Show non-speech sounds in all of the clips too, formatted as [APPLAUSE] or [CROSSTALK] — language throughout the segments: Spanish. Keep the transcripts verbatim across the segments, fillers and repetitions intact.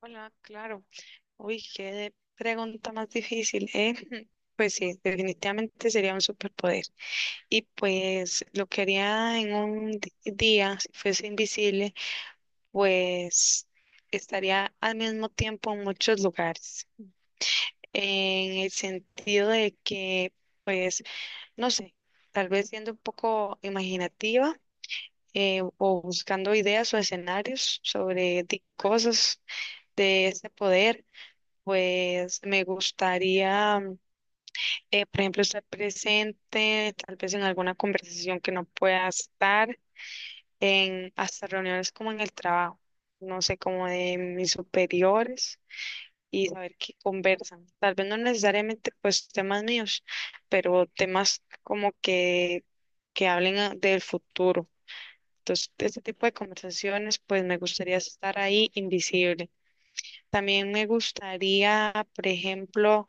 Hola, claro. Uy, qué de- pregunta más difícil, ¿eh? [LAUGHS] Pues sí, definitivamente sería un superpoder. Y pues lo que haría en un di- día, si fuese invisible, pues estaría al mismo tiempo en muchos lugares. En el sentido de que, pues, no sé, tal vez siendo un poco imaginativa, eh, o buscando ideas o escenarios sobre di- cosas de este poder. Pues me gustaría, mm, eh, por ejemplo, estar presente, tal vez en alguna conversación que no pueda estar, en hasta reuniones como en el trabajo, no sé, como de mis superiores, y saber qué conversan. Tal vez no necesariamente pues temas míos, pero temas como que, que hablen a- del futuro. Entonces, este tipo de conversaciones, pues me gustaría estar ahí invisible. También me gustaría, por ejemplo,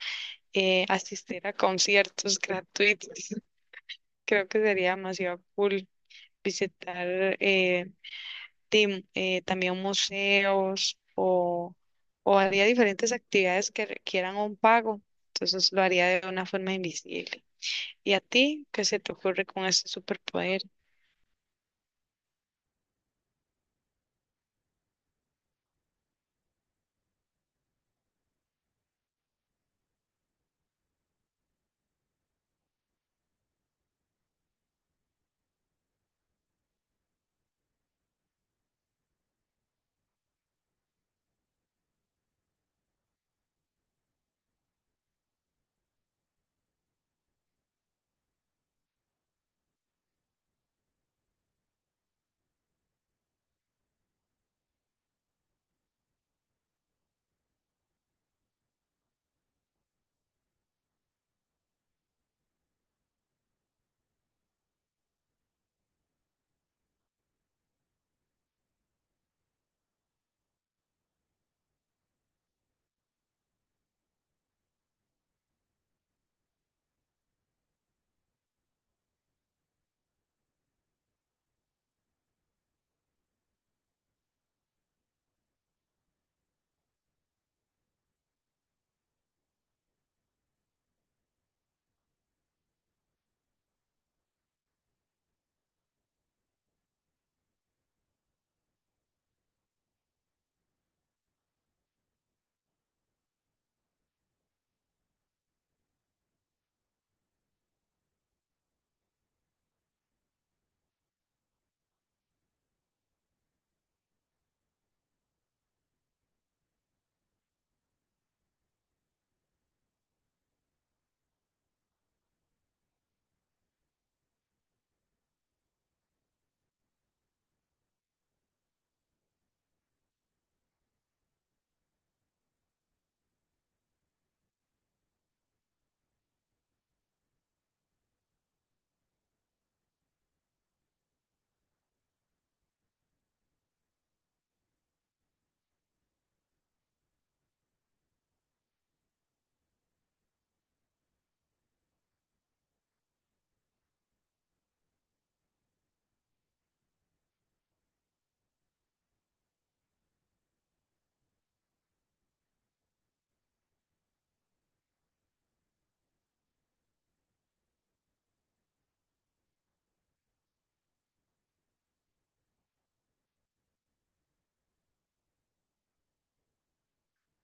eh, asistir a conciertos gratuitos. [LAUGHS] Creo que sería demasiado cool visitar, eh, tim- eh, también museos, o, o haría diferentes actividades que requieran un pago. Entonces lo haría de una forma invisible. ¿Y a ti qué se te ocurre con este superpoder?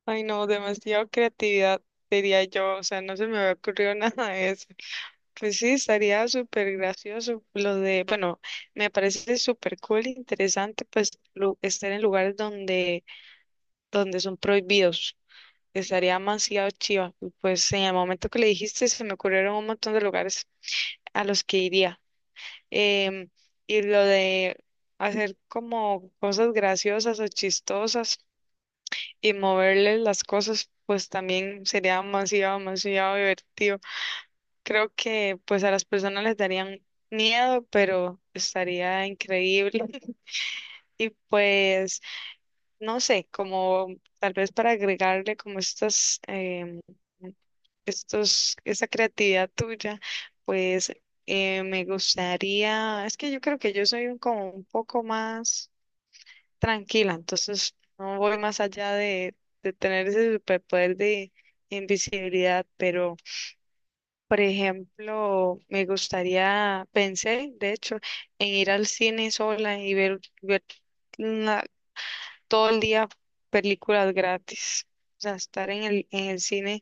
Ay, no, demasiado creatividad, diría yo. O sea, no se me había ocurrido [LAUGHS] nada de eso. Pues sí, estaría súper gracioso lo de, bueno, me parece súper cool, interesante, pues lu- estar en lugares donde, donde son prohibidos. Estaría demasiado chiva. Y pues en el momento que le dijiste, se me ocurrieron un montón de lugares a los que iría. Em, y lo de hacer como cosas graciosas o chistosas y moverle las cosas, pues también sería demasiado, demasiado divertido. Creo que pues a las personas les darían miedo, pero estaría increíble. [LAUGHS] Y pues, no sé, como tal vez para agregarle como estas, em, estos, esa creatividad tuya, pues, eh, me gustaría, es que yo creo que yo soy un- como un poco más tranquila, entonces no voy más allá de, de tener ese superpoder de invisibilidad, pero... Por ejemplo, me gustaría, pensé, de hecho, en ir al cine sola y ver, ver una- todo el día películas gratis. O sea, estar en el, en el cine,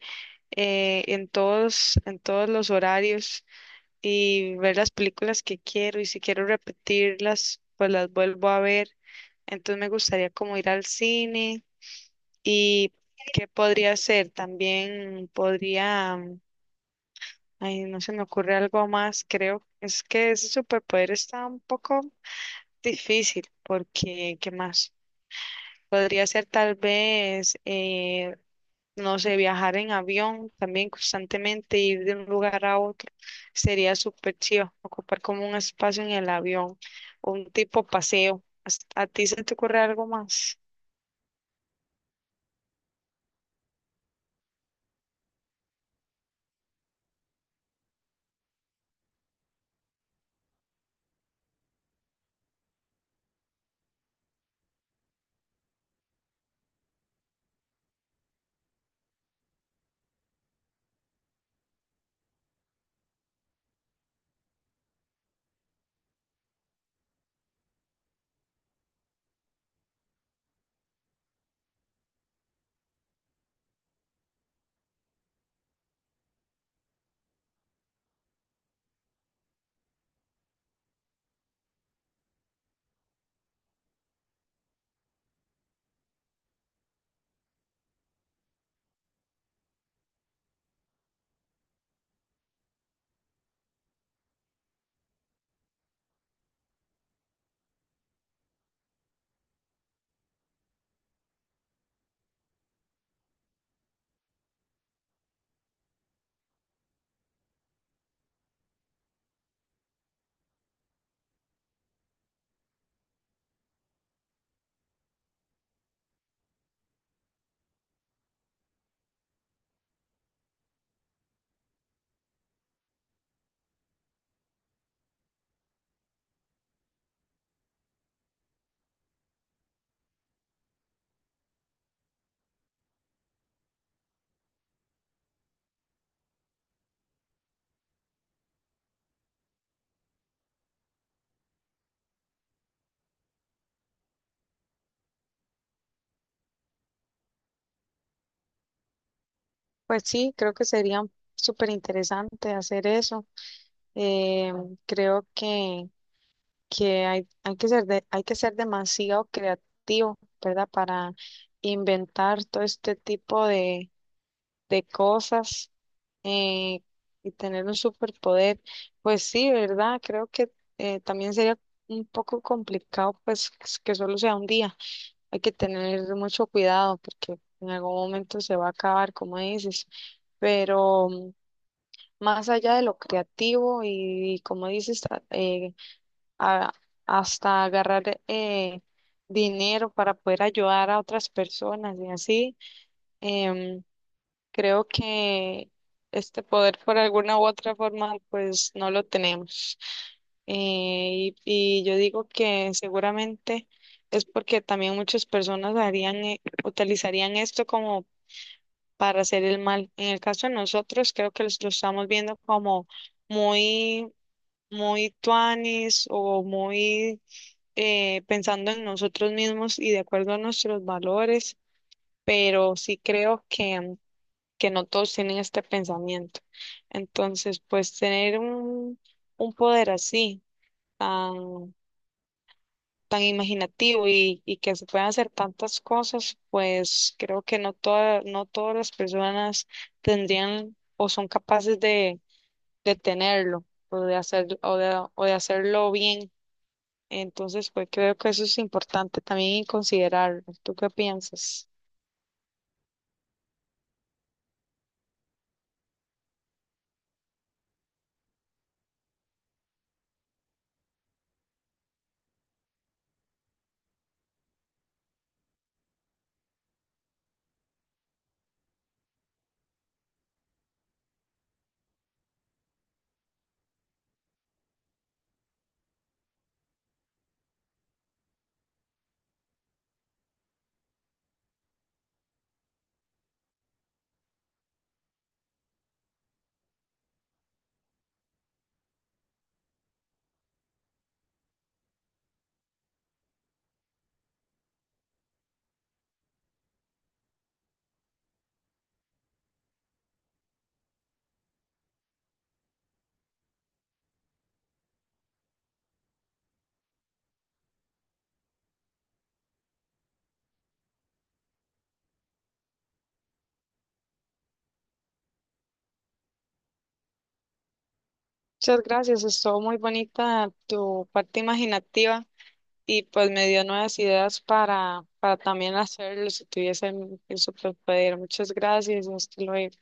eh, en todos, en todos los horarios, y ver las películas que quiero, y si quiero repetirlas, pues las vuelvo a ver. Entonces me gustaría como ir al cine y qué podría hacer. También podría... Ay, no se me ocurre algo más, creo. Es que ese superpoder está un poco difícil, porque ¿qué más? Podría ser tal vez, eh, no sé, viajar en avión también constantemente, ir de un lugar a otro. Sería súper chido, ocupar como un espacio en el avión, un tipo paseo. ¿As- ¿A ti se te ocurre algo más? Pues sí, creo que sería súper interesante hacer eso. Eh, Creo que que hay, hay que ser de- hay que ser demasiado creativo, ¿verdad? Para inventar todo este tipo de, de cosas, eh, y tener un superpoder. Pues sí, ¿verdad? Creo que, eh, también sería un poco complicado, pues que solo sea un día. Hay que tener mucho cuidado porque en algún momento se va a acabar, como dices. Pero mm, más allá de lo creativo y, como dices, tra- eh, a- hasta agarrar, eh, dinero para poder ayudar a otras personas y así. Em, Creo que este poder por alguna u otra forma pues no lo tenemos. Eh, y, y yo digo que seguramente es porque también muchas personas harían, eh, utilizarían esto como para hacer el mal. En el caso de nosotros, creo que los lo estamos viendo como muy, muy tuanis, o muy, eh, pensando en nosotros mismos y de acuerdo a nuestros valores, pero sí creo que, que no todos tienen este pensamiento. Entonces, pues tener un, un poder así, tan, tan imaginativo, y, y que se puedan hacer tantas cosas, pues creo que no toda, no todas las personas tendrían o son capaces de, de tenerlo. O de hacer, o de, o de hacerlo bien. Entonces, pues creo que eso es importante también considerar. ¿Tú qué piensas? Muchas gracias, estuvo muy bonita tu parte imaginativa, y pues me dio nuevas ideas para, para también hacerlo si tuviese el el superpoder. Muchas gracias, hasta luego.